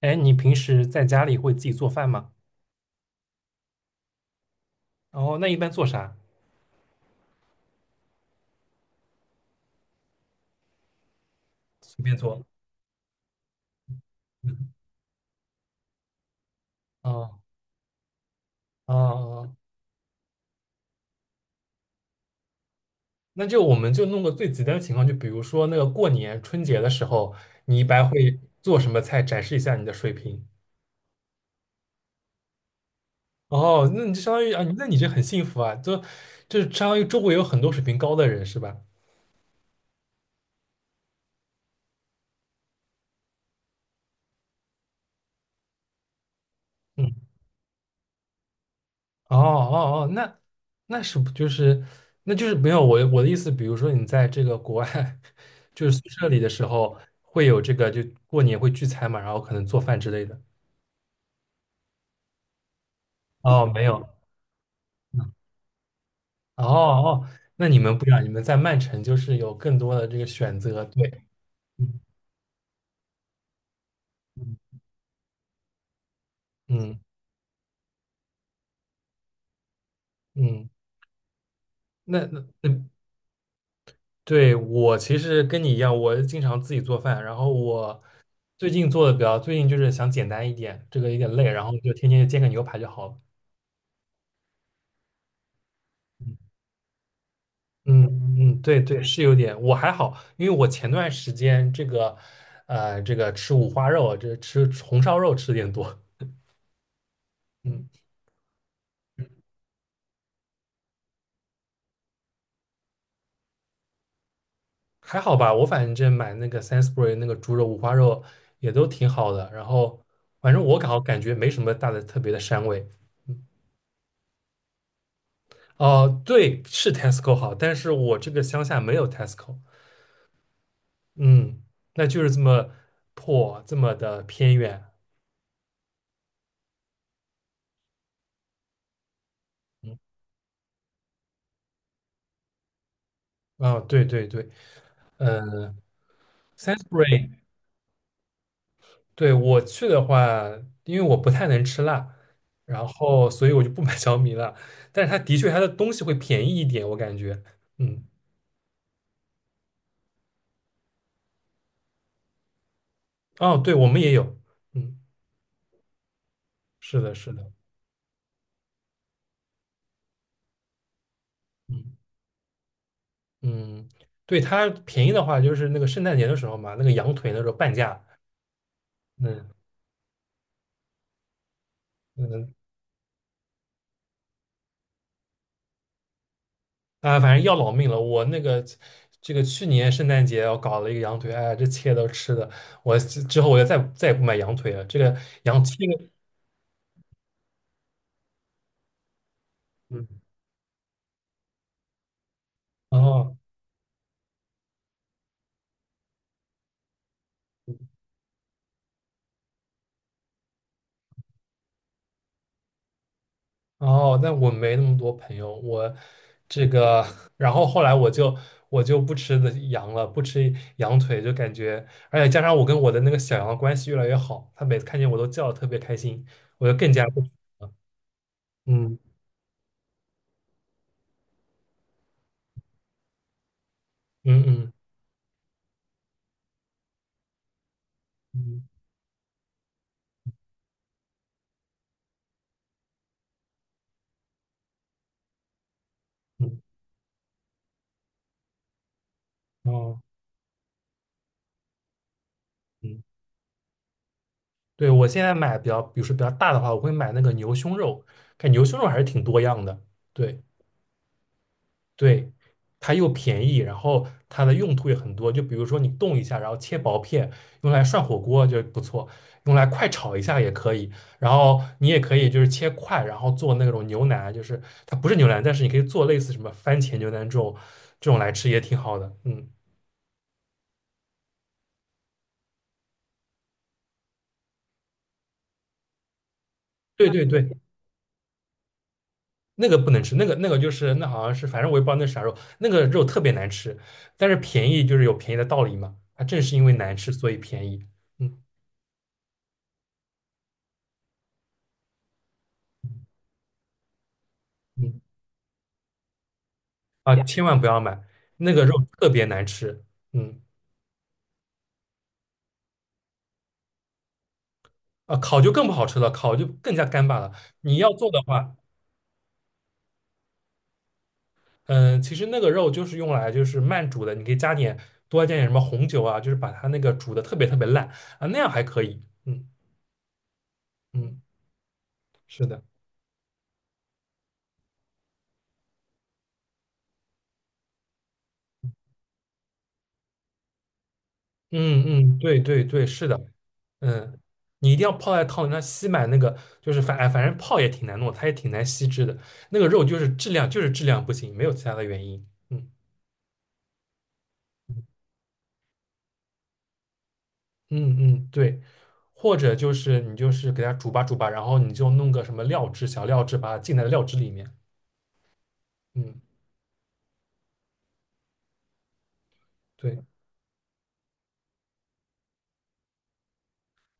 哎，你平时在家里会自己做饭吗？哦，那一般做啥？随便做。嗯，哦哦哦，那就我们就弄个最极端的情况，就比如说那个过年春节的时候，你一般会做什么菜，展示一下你的水平。哦，那你就相当于啊，那你这很幸福啊，就是相当于周围有很多水平高的人是吧？嗯哦哦哦，那是不就是那就是没有我的意思，比如说你在这个国外，就是宿舍里的时候，会有这个就过年会聚餐嘛，然后可能做饭之类的。哦，没有，嗯哦哦，那你们不一样，你们在曼城就是有更多的这个选择，对，嗯嗯嗯，嗯那对我其实跟你一样，我经常自己做饭，然后我最近做的比较，最近就是想简单一点，这个有点累，然后就天天就煎个牛排就好了。嗯嗯嗯，对对，是有点，我还好，因为我前段时间这个吃五花肉，这吃红烧肉吃的有点多，嗯，还好吧，我反正买那个 s a n s b u r y 那个猪肉五花肉也都挺好的，然后反正我感觉没什么大的特别的膻味。哦、对，是 Tesco 好，但是我这个乡下没有 Tesco，嗯，那就是这么破，这么的偏远，嗯，啊、对对对，嗯、s a n s b u r y 对，我去的话，因为我不太能吃辣，然后所以我就不买 小米辣。但是它的确，它的东西会便宜一点，我感觉。嗯，哦，对，我们也有。嗯，是的，是的。嗯嗯，对，它便宜的话，就是那个圣诞节的时候嘛，那个羊腿那时候半价。嗯嗯，啊，反正要老命了。我那个这个去年圣诞节我搞了一个羊腿，哎呀这切都吃的，我之后我就再也不买羊腿了。这个羊切个，嗯，哦。哦，那我没那么多朋友，我这个，然后后来我就不吃的羊了，不吃羊腿，就感觉，而且加上我跟我的那个小羊的关系越来越好，它每次看见我都叫的特别开心，我就更加不吃了。嗯嗯嗯嗯嗯，哦，嗯，对，我现在买比较，比如说比较大的话，我会买那个牛胸肉，看牛胸肉还是挺多样的。对。对，它又便宜，然后它的用途也很多。就比如说你冻一下，然后切薄片，用来涮火锅就不错，用来快炒一下也可以。然后你也可以就是切块，然后做那种牛腩，就是它不是牛腩，但是你可以做类似什么番茄牛腩这种来吃也挺好的。嗯，对对对，那个不能吃，那个就是那好像是，反正我也不知道那是啥肉，那个肉特别难吃，但是便宜就是有便宜的道理嘛。它正是因为难吃，所以便宜。嗯嗯。啊，千万不要买，那个肉特别难吃。嗯，啊，烤就更不好吃了，烤就更加干巴了。你要做的话，嗯、其实那个肉就是用来就是慢煮的，你可以多加点什么红酒啊，就是把它那个煮的特别特别烂啊，那样还可以。嗯嗯，是的，嗯嗯，对对对，是的，嗯，你一定要泡在汤里，那吸满那个就是反正泡也挺难弄，它也挺难吸汁的，那个肉就是质量就是质量不行，没有其他的原因。嗯。嗯嗯，对，或者就是你就是给它煮吧煮吧，然后你就弄个什么料汁，小料汁把它浸在料汁里面。嗯，对，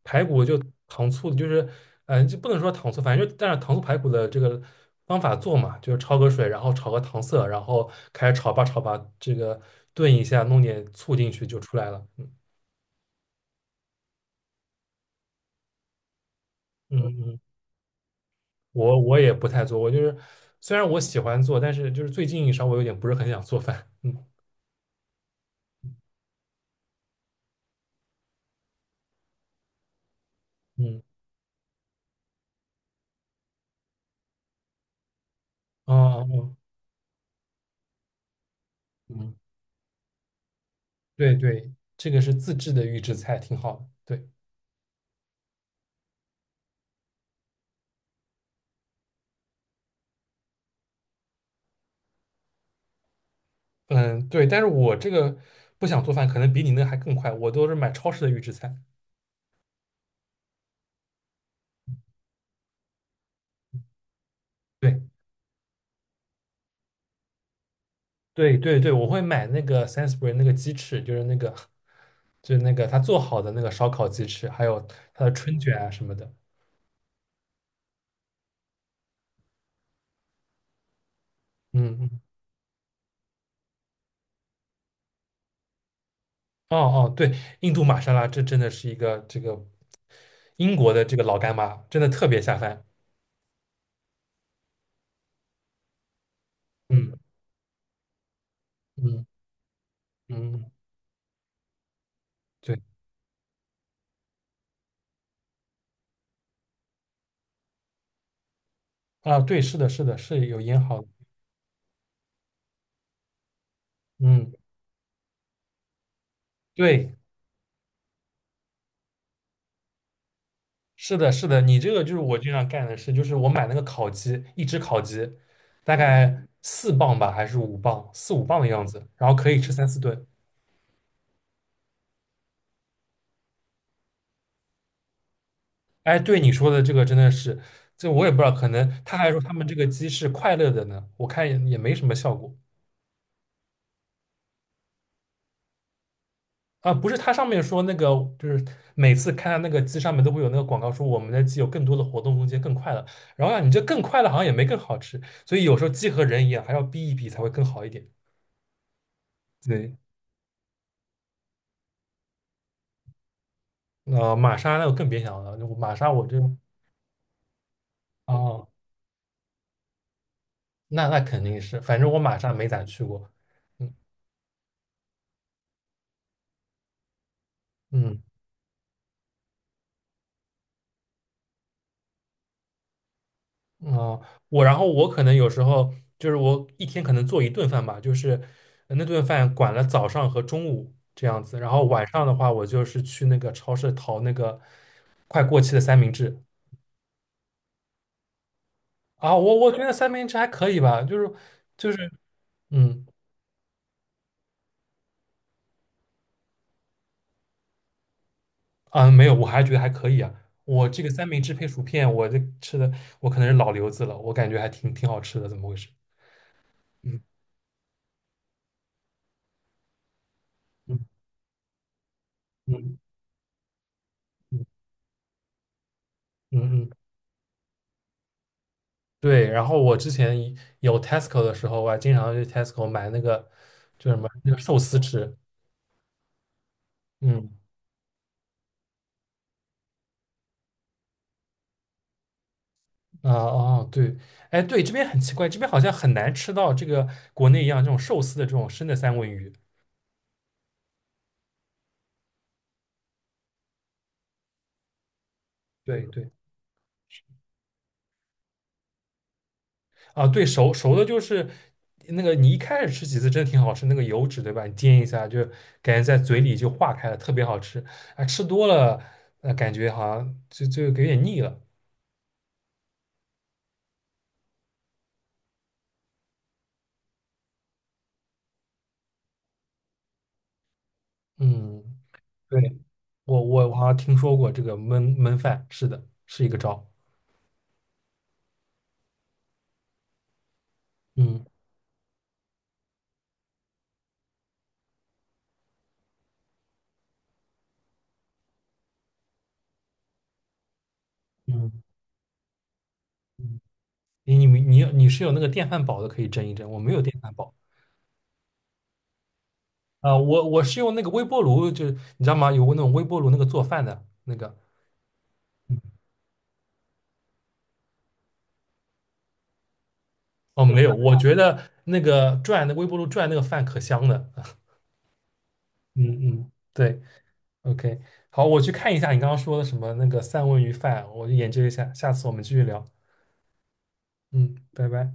排骨就糖醋，就是，嗯、就不能说糖醋，反正就但是糖醋排骨的这个方法做嘛，就是焯个水，然后炒个糖色，然后开始炒吧炒吧，这个炖一下，弄点醋进去就出来了。嗯嗯嗯，我也不太做，我就是虽然我喜欢做，但是就是最近稍微有点不是很想做饭。嗯嗯哦哦。哦嗯对对，这个是自制的预制菜，挺好的。对，嗯，对，但是我这个不想做饭，可能比你那还更快。我都是买超市的预制菜。对对对对，我会买那个 Sainsbury 那个鸡翅，就是那个他做好的那个烧烤鸡翅，还有他的春卷啊什么的。嗯嗯，哦哦，对，印度玛莎拉，这真的是一个这个英国的这个老干妈，真的特别下饭。嗯嗯嗯，对啊，对，是的，是的，是有腌好的。嗯，对。是的，是的，你这个就是我经常干的事，就是我买那个烤鸡，一只烤鸡，大概4磅吧，还是五磅，四五磅的样子，然后可以吃三四顿。哎，对你说的这个真的是，这我也不知道，可能他还说他们这个鸡是快乐的呢，我看也没什么效果啊。不是，它上面说那个就是每次看到那个鸡上面都会有那个广告说我们的鸡有更多的活动空间，更快乐。然后啊，你这更快乐好像也没更好吃，所以有时候鸡和人一样，还要逼一逼才会更好一点。对。玛莎那我更别想了，我玛莎我这啊，那肯定是，反正我玛莎没咋去过，嗯嗯啊，然后我可能有时候就是我一天可能做一顿饭吧，就是那顿饭管了早上和中午这样子，然后晚上的话我就是去那个超市淘那个快过期的三明治啊，我觉得三明治还可以吧，就是嗯。啊，没有，我还觉得还可以啊。我这个三明治配薯片，我这吃的我可能是老留子了，我感觉还挺好吃的，怎么回事？嗯嗯嗯嗯嗯嗯，对。然后我之前一有 Tesco 的时候，我还经常去 Tesco 买那个叫什么那个寿司吃。嗯啊哦对，哎对，这边很奇怪，这边好像很难吃到这个国内一样这种寿司的这种生的三文鱼。对对。啊，对，熟熟的就是那个，你一开始吃几次真的挺好吃，那个油脂对吧？你煎一下就感觉在嘴里就化开了，特别好吃。啊，吃多了，感觉好像就有点腻了。嗯，对，我好像听说过这个焖饭，是的，是一个招。嗯嗯嗯，你是有那个电饭煲的，可以蒸一蒸，我没有电饭煲。啊，我是用那个微波炉，就是你知道吗？有那种微波炉那个做饭的那个。哦，没有，我觉得那个转那个微波炉转那个饭可香了。嗯嗯，对，OK，好，我去看一下你刚刚说的什么那个三文鱼饭，我去研究一下，下次我们继续聊。嗯，拜拜。